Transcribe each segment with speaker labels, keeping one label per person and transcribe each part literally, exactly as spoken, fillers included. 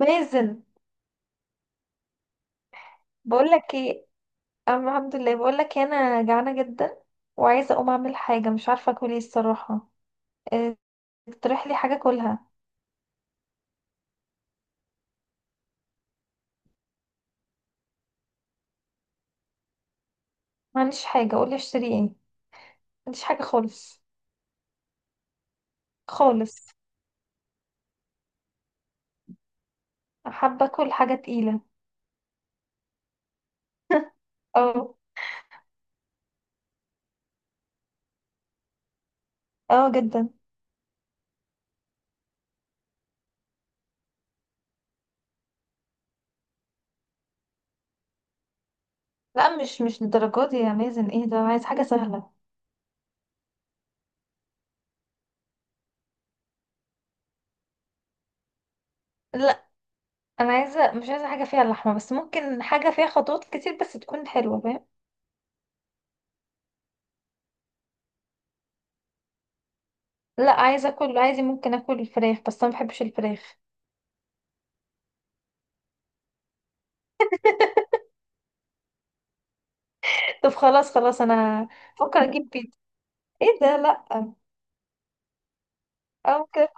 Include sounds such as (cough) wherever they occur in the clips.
Speaker 1: مازن، بقولك ايه. أم- الحمد لله. بقولك إيه، انا جعانه جدا وعايزه اقوم اعمل حاجه، مش عارفه اكل ايه الصراحه. إيه، اقترح لي حاجه اكلها. ما عنديش حاجه، قولي اشتري ايه، ما عنديش حاجه خالص، خالص. حابه اكل حاجه تقيله. (laughs) اه، اه جدا. لا، مش مش للدرجات دي يا مازن، ايه ده، انا عايز حاجه سهله. لا، انا عايزه، مش عايزه حاجه فيها لحمه، بس ممكن حاجه فيها خطوات كتير بس تكون حلوه، فاهم. لا، عايزه اكل، عايزه، ممكن اكل الفراخ، بس انا ما بحبش الفراخ. (laughs) طب خلاص، خلاص، انا فكر اجيب بيتزا. ايه ده، لا. او كده.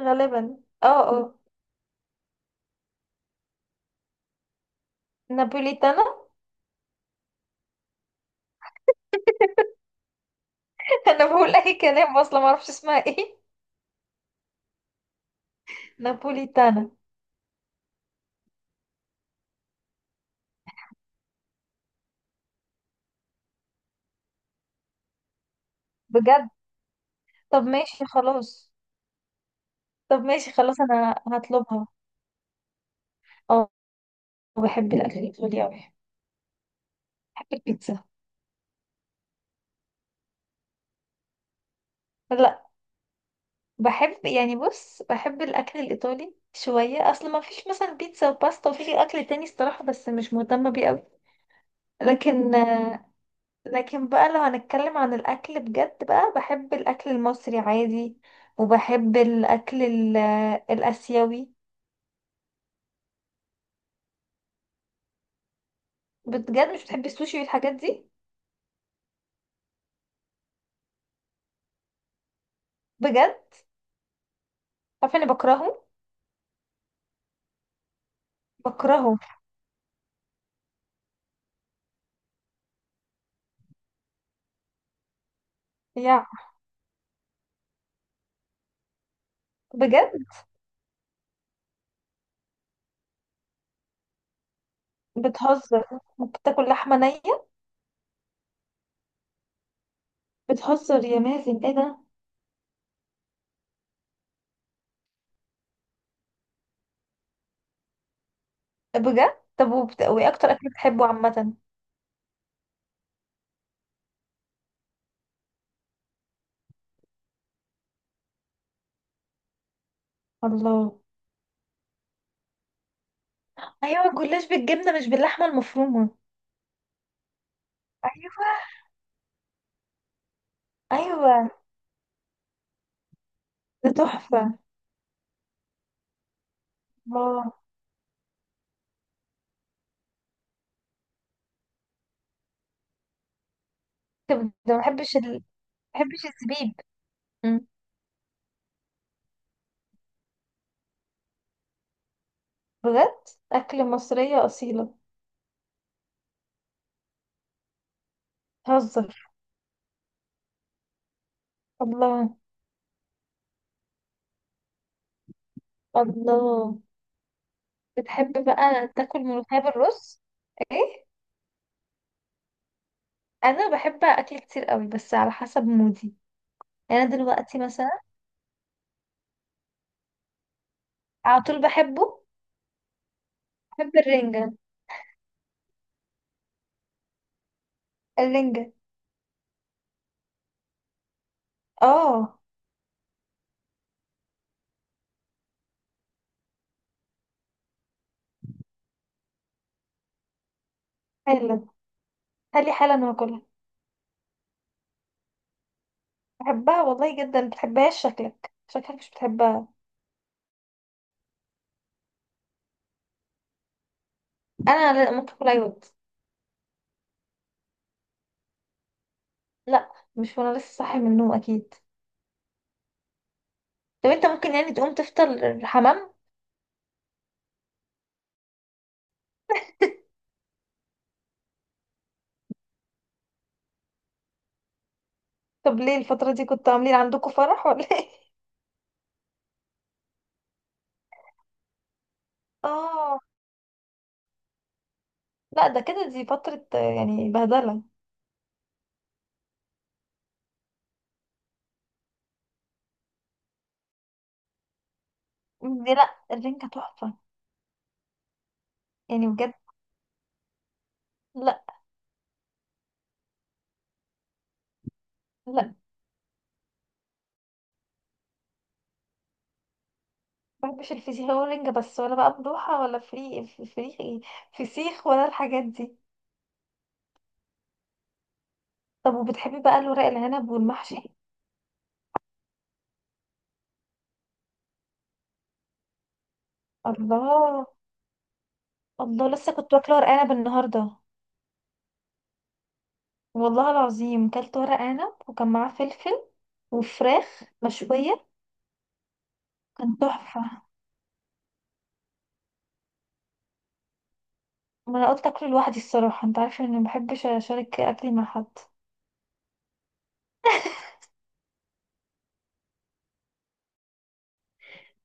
Speaker 1: غالبا اه، اه. نابوليتانا. (laughs) انا بقول اي كلام، اصلا ما اعرفش اسمها ايه. نابوليتانا. بجد. طب ماشي خلاص. طب ماشي خلاص، انا هطلبها. اه، بحب الاكل الايطالي اوي. بحب البيتزا. لا، بحب، يعني بص، بحب الاكل الايطالي شويه، اصل ما فيش مثلا بيتزا وباستا، وفي اكل تاني الصراحه بس مش مهتمه بيه اوي. لكن آه، لكن بقى لو هنتكلم عن الأكل بجد بقى، بحب الأكل المصري عادي، وبحب الأكل ال- الآسيوي. بجد، مش بتحب السوشي والحاجات دي. بجد. عارفة اني بكرهه. بكرهه. يا. بجد. بتهزر، ممكن تاكل لحمة نية، بتهزر يا مازن ايه ده. بجد. طب وبت... وايه أكتر أكل بتحبه عامة؟ الله. أيوة، الجلاش بالجبنة مش باللحمة المفرومة. أيوة. أيوة. ده تحفة. الله. طب ده، ما بحبش ال... ما بحبش الزبيب. بجد أكل مصرية أصيلة. هزر. الله. الله. بتحب بقى تاكل ملوخية بالرز؟ ايه. أنا بحب أكل كتير قوي بس على حسب مودي. يعني أنا دلوقتي مثلا، على طول بحبه. بحب الرنجة. الرنجة. اه. حلو. خلي حالا أنا باكلها. بحبها والله جدا، بتحبهاش؟ شكلك، شكلك مش بتحبها. أنا، لا، ممكن أكلها يود. لا مش وأنا لسه صاحي من النوم أكيد. طب أنت ممكن يعني تقوم تفطر حمام. طب ليه الفترة دي كنتوا عاملين عندكم فرح ولا ايه؟ اه. لا ده كده دي فترة آه، يعني بهدلة. دي، لا الرنجة تحفة. يعني بجد. لا. لا، مبحبش الفسيخ ولا الرنجة، بس ولا بقى ملوحة ولا فري فري إيه؟ فسيخ ولا الحاجات دي. طب وبتحبي بقى الورق العنب والمحشي؟ الله. الله، لسه كنت واكلة ورق عنب النهاردة. والله العظيم كلت ورق عنب وكان معاه فلفل وفراخ مشوية، كان تحفة. ما انا قلت اكله لوحدي الصراحة، انت عارفة اني مبحبش اشارك اكلي مع حد.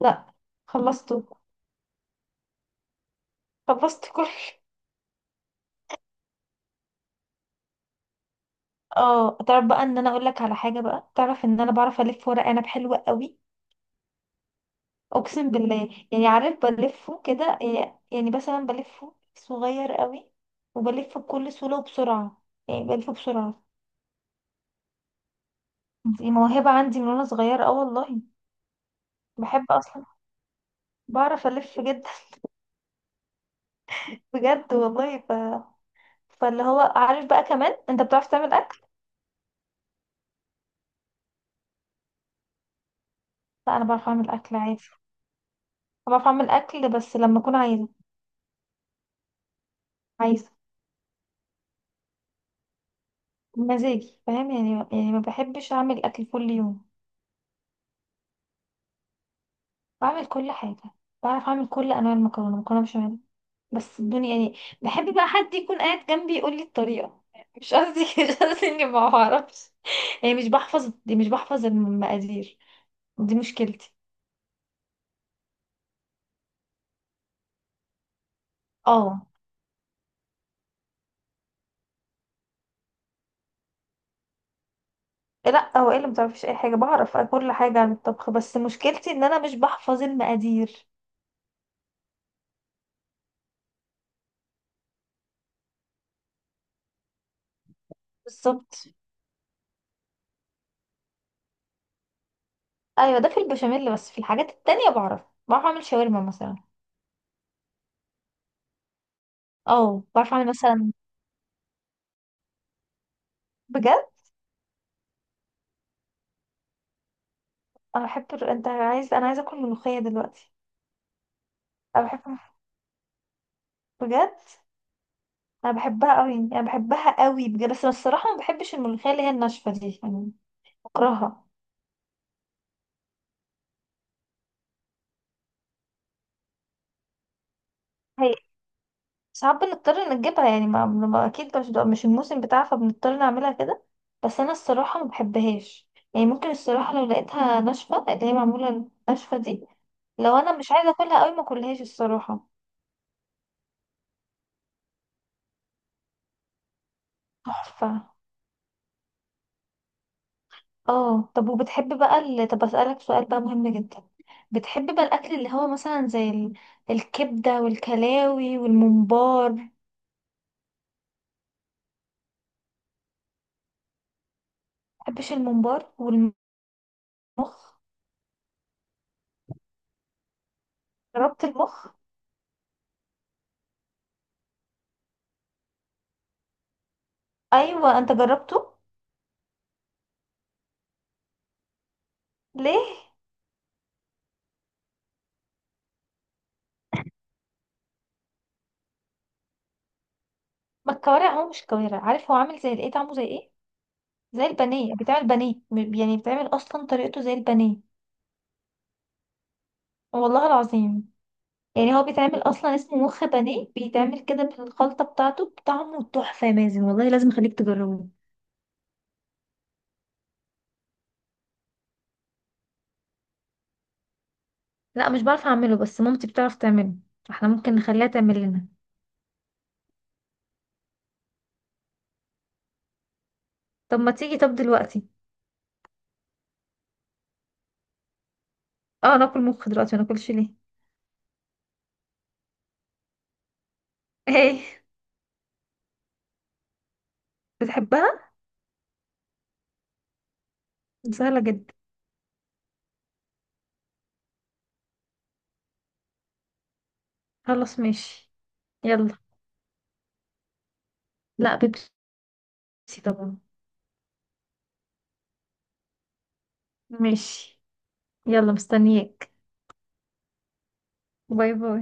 Speaker 1: لا، خلصته. خلصت كل. اه، تعرف بقى، ان انا اقول لك على حاجه بقى، تعرف ان انا بعرف الف ورق عنب حلو قوي. اقسم بالله، يعني عارف بلفه كده إيه، يعني مثلا بلفه صغير قوي وبلفه بكل سهوله وبسرعه، يعني بلفه بسرعه. دي موهبه عندي من وانا صغيره، اه والله. بحب اصلا، بعرف الف جدا. (laughs) بجد والله ف... فاللي هو، عارف بقى، كمان انت بتعرف تعمل اكل. لا، انا بعرف اعمل اكل عادي. بعرف اعمل اكل بس لما اكون عايزه. عايزه. مزاجي فاهم، يعني يعني ما بحبش اعمل اكل كل يوم. بعمل كل حاجه. بعرف اعمل كل انواع المكرونه، مكرونه بشاميل، بس الدنيا يعني بحب بقى حد يكون قاعد جنبي يقول لي الطريقه. مش قصدي (laughs) مش قصدي اني ما بعرفش، يعني مش بحفظ، دي مش بحفظ المقادير، دي مشكلتي. اه. لا هو ايه اللي ما بتعرفيش اي حاجه، بعرف كل حاجه عن الطبخ، بس مشكلتي ان انا مش بحفظ المقادير. بالظبط. ايوه ده في البشاميل، بس في الحاجات التانية بعرف. بعرف اعمل شاورما مثلا. اه بعرف اعمل مثلا. بجد. انا بحب الر- انت عايز، انا عايزه اكل ملوخيه دلوقتي. انا بحب. بجد انا بحبها قوي، انا بحبها قوي بجد، بس أنا الصراحه ما بحبش الملوخيه اللي هي الناشفه دي يعني. بكرهها. هي ساعات بنضطر إن نجيبها، يعني ما ما- اكيد مش مش الموسم بتاعها، فبنضطر نعملها كده. بس انا الصراحه ما بحبهاش، يعني ممكن الصراحه لو لقيتها ناشفه اللي هي معموله ناشفه دي، لو انا مش عايزه اكلها قوي ما اكلهاش الصراحه. تحفه. اه طب وبتحب بقى ال... طب اسألك سؤال بقى مهم جدا، بتحب بقى الاكل اللي هو مثلا زي ال... الكبدة والكلاوي والممبار. مبحبش الممبار. والمخ. جربت المخ؟ ايوه، انت جربته؟ ليه؟ ما الكوارع، هو مش كوارع، عارف هو عامل زي الايه، طعمه زي ايه؟ زي البانيه، بيتعمل بانيه، م- يعني بيتعمل اصلا طريقته زي البانيه. والله العظيم. يعني هو بيتعمل اصلا اسمه مخ بانيه، بيتعمل كده بالخلطه بتاعته، بطعمه تحفه يا مازن والله، لازم اخليك تجربه. لا مش بعرف اعمله، بس مامتي بتعرف تعمله. احنا ممكن نخليها تعمل لنا. طب ما تيجي طب دلوقتي. اه، ناكل مخ دلوقتي، ما ناكلش ليه. (laughs) ايه؟ بتحبها؟ سهله جدا. خلاص ماشي. يلا. لا، بيبسي. طبعا. ماشي. يلا مستنياك. باي باي.